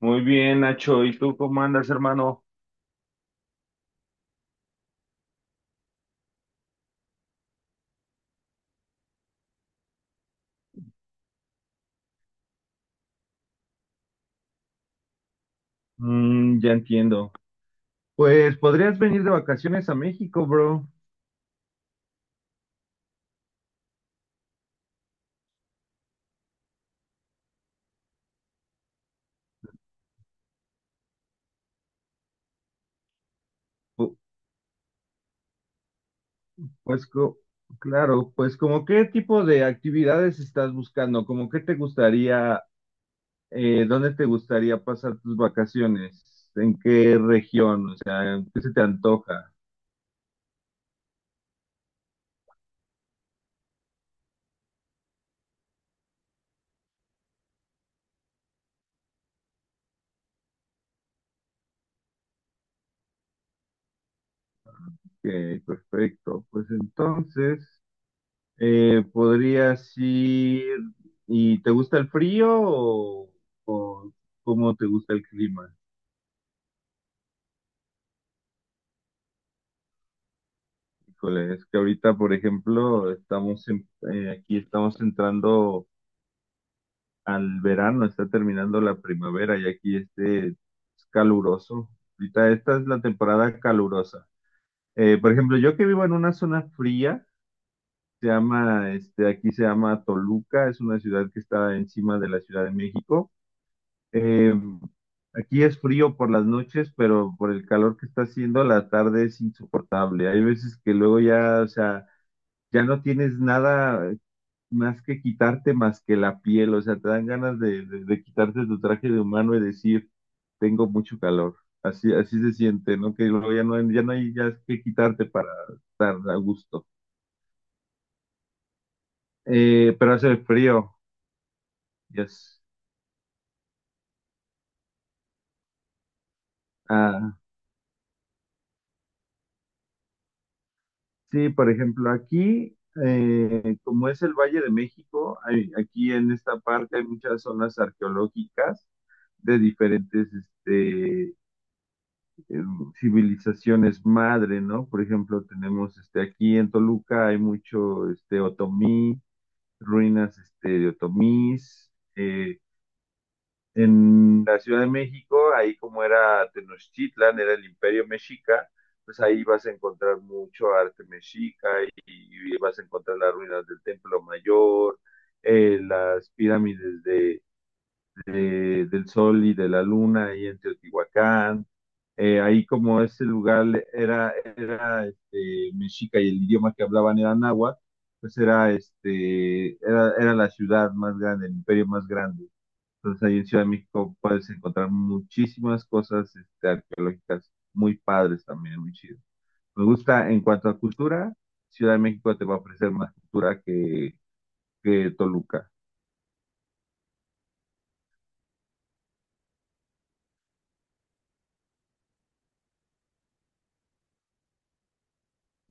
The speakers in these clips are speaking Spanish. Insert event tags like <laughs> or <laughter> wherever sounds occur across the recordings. Muy bien, Nacho. ¿Y tú cómo andas, hermano? Mm, ya entiendo. Pues podrías venir de vacaciones a México, bro. Pu- Pues co- claro, pues como qué tipo de actividades estás buscando, como qué te gustaría, dónde te gustaría pasar tus vacaciones, en qué región, o sea, qué se te antoja. Ok, perfecto. Pues entonces, podrías ir, ¿y te gusta el frío o cómo te gusta el clima? Híjole, es que ahorita, por ejemplo, aquí estamos entrando al verano, está terminando la primavera y aquí este es caluroso. Ahorita esta es la temporada calurosa. Por ejemplo, yo que vivo en una zona fría, se llama, este, aquí se llama Toluca, es una ciudad que está encima de la Ciudad de México. Eh, Aquí es frío por las noches, pero por el calor que está haciendo, la tarde es insoportable. Hay veces que luego ya, o sea, ya no tienes nada más que quitarte más que la piel, o sea, te dan ganas de quitarte tu traje de humano y decir, tengo mucho calor. Así, así se siente, ¿no? Que luego ya no, ya no hay ya que quitarte para estar a gusto. Pero hace frío, yes. Ah, sí, por ejemplo, aquí, como es el Valle de México, aquí en esta parte hay muchas zonas arqueológicas de diferentes este, civilizaciones madre, ¿no? Por ejemplo, tenemos este, aquí en Toluca hay mucho este, otomí, ruinas este, de otomís, en la Ciudad de México, ahí como era Tenochtitlan, era el imperio mexica, pues ahí vas a encontrar mucho arte mexica y vas a encontrar las ruinas del Templo Mayor, las pirámides del Sol y de la Luna ahí en Teotihuacán. Ahí como ese lugar era, era este, mexica y el idioma que hablaban era náhuatl, pues era, este, era, era la ciudad más grande, el imperio más grande. Entonces ahí en Ciudad de México puedes encontrar muchísimas cosas este, arqueológicas muy padres también, muy chido. Me gusta en cuanto a cultura, Ciudad de México te va a ofrecer más cultura que Toluca.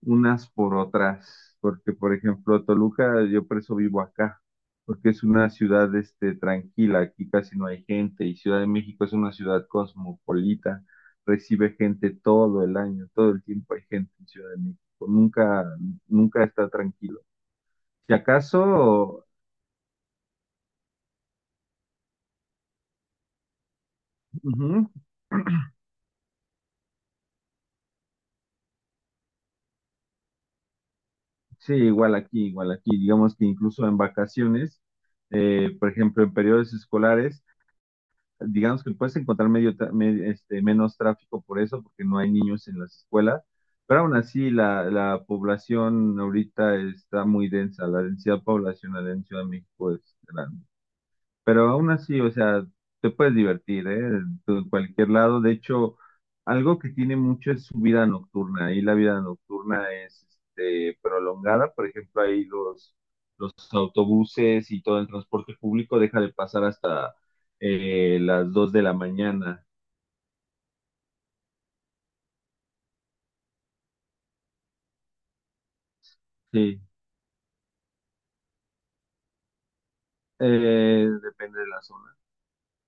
Unas por otras, porque por ejemplo Toluca, yo por eso vivo acá, porque es una ciudad este, tranquila, aquí casi no hay gente, y Ciudad de México es una ciudad cosmopolita, recibe gente todo el año, todo el tiempo hay gente en Ciudad de México, nunca está tranquilo. Si acaso, ujú, sí, igual aquí, digamos que incluso en vacaciones, por ejemplo, en periodos escolares, digamos que puedes encontrar este, menos tráfico por eso, porque no hay niños en las escuelas, pero aún así la población ahorita está muy densa, la densidad poblacional en Ciudad de México es grande. Pero aún así, o sea, te puedes divertir, ¿eh? En cualquier lado. De hecho, algo que tiene mucho es su vida nocturna. Y la vida nocturna es este, prolongada. Por ejemplo, los autobuses y todo el transporte público deja de pasar hasta las 2 de la mañana. Sí, depende de la zona.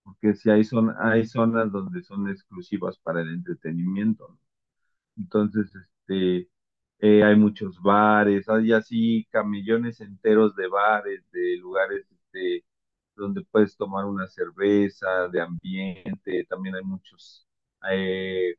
Porque si hay, hay zonas donde son exclusivas para el entretenimiento, ¿no? Entonces, este, hay muchos bares, hay así camellones enteros de bares, de lugares este, donde puedes tomar una cerveza, de ambiente, también hay muchos. eh,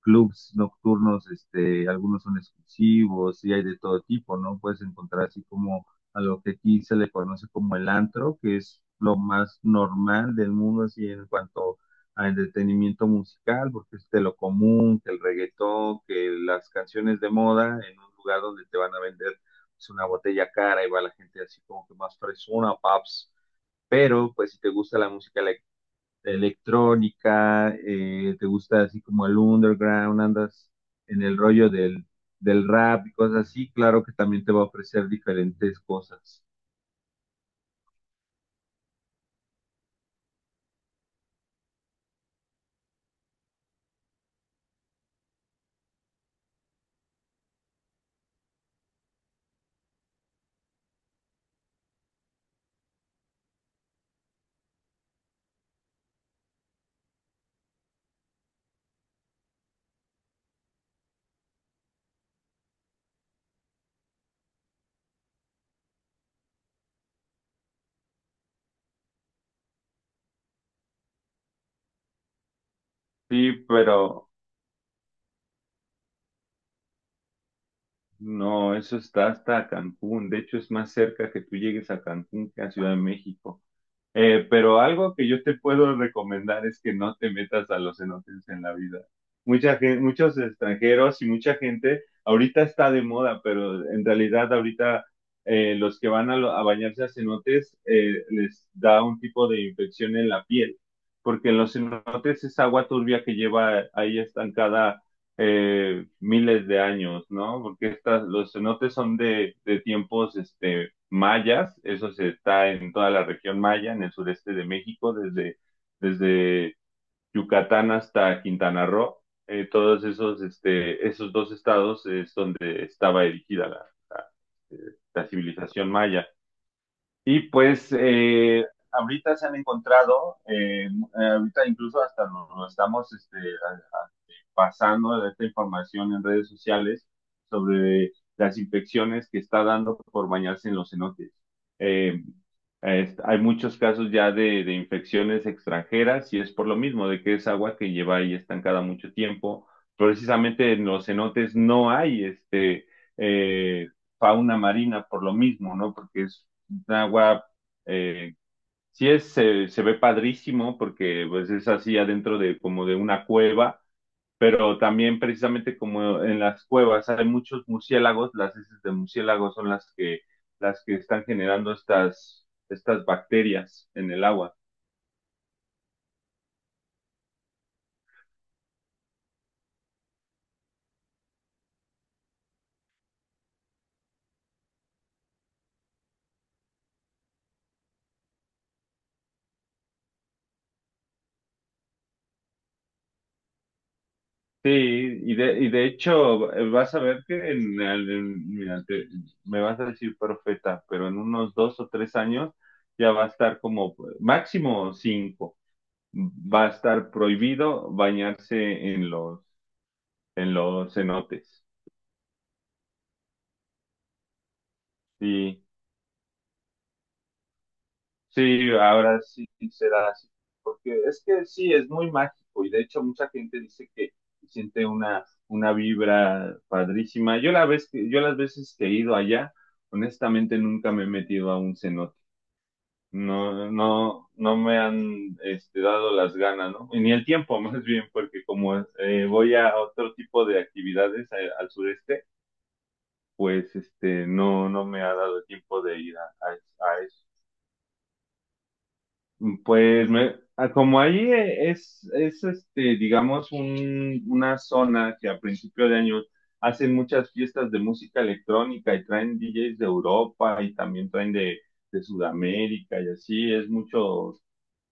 Clubs nocturnos, este, algunos son exclusivos y hay de todo tipo, ¿no? Puedes encontrar así como a lo que aquí se le conoce como el antro, que es lo más normal del mundo así en cuanto a entretenimiento musical, porque es de lo común, que el reggaetón, que las canciones de moda en un lugar donde te van a vender pues, una botella cara y va la gente así como que más fresona, paps. Pero, pues, si te gusta la música electrónica, te gusta así como el underground, andas en el rollo del rap y cosas así, claro que también te va a ofrecer diferentes cosas. Sí, pero no, eso está hasta Cancún. De hecho, es más cerca que tú llegues a Cancún que a Ciudad de México. Pero algo que yo te puedo recomendar es que no te metas a los cenotes en la vida. Mucha gente, muchos extranjeros y mucha gente, ahorita está de moda, pero en realidad ahorita los que van a, a bañarse a cenotes les da un tipo de infección en la piel, porque en los cenotes es agua turbia que lleva ahí estancada miles de años, ¿no? Porque estas, los cenotes son de tiempos, este mayas, eso se está en toda la región maya, en el sureste de México, desde Yucatán hasta Quintana Roo. Todos esos, este, esos dos estados es donde estaba erigida la, eh, la civilización maya. Y pues ahorita se han encontrado, ahorita incluso hasta lo estamos este, pasando esta información en redes sociales sobre las infecciones que está dando por bañarse en los cenotes. Eh, Hay muchos casos ya de infecciones extranjeras y es por lo mismo, de que es agua que lleva ahí estancada mucho tiempo. Precisamente en los cenotes no hay este, eh, fauna marina por lo mismo, ¿no? Porque es agua, eh, sí es, se ve padrísimo porque pues es así adentro de como de una cueva, pero también precisamente como en las cuevas hay muchos murciélagos, las heces de murciélagos son las que están generando estas, estas bacterias en el agua. Sí, y de hecho vas a ver que en, mira, me vas a decir profeta, pero en unos dos o tres años ya va a estar como máximo cinco va a estar prohibido bañarse en en los cenotes. Sí, sí, ahora sí será así. Porque es que sí, es muy mágico y de hecho mucha gente dice que siente una vibra padrísima. Yo la vez que, yo las veces que he ido allá, honestamente nunca me he metido a un cenote. No, no, no me han este, dado las ganas, ¿no? Ni el tiempo, <laughs> más bien, porque como voy a otro tipo de actividades al sureste, pues este, no, no me ha dado tiempo de ir a, a eso. Mm, pues me, a- como ahí es este, digamos, un, una zona que a principio de año hacen muchas fiestas de música electrónica y traen DJs de Europa y también traen de Sudamérica y así, es mucho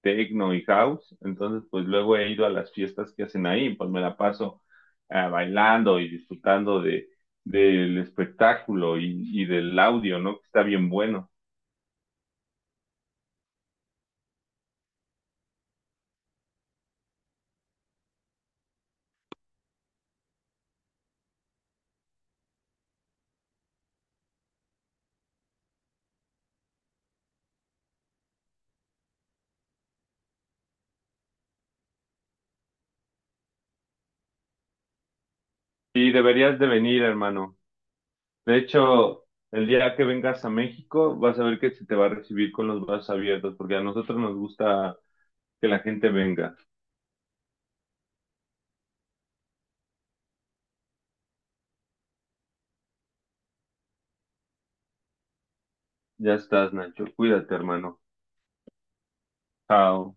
techno y house, entonces pues luego he ido a las fiestas que hacen ahí, pues me la paso ah, bailando y disfrutando de, del espectáculo y del audio, ¿no? Que está bien bueno. Y deberías de venir, hermano. De hecho, el día que vengas a México, vas a ver que se te va a recibir con los brazos abiertos, porque a nosotros nos gusta que la gente venga. Ya estás, Nacho. Cuídate, hermano. Chao.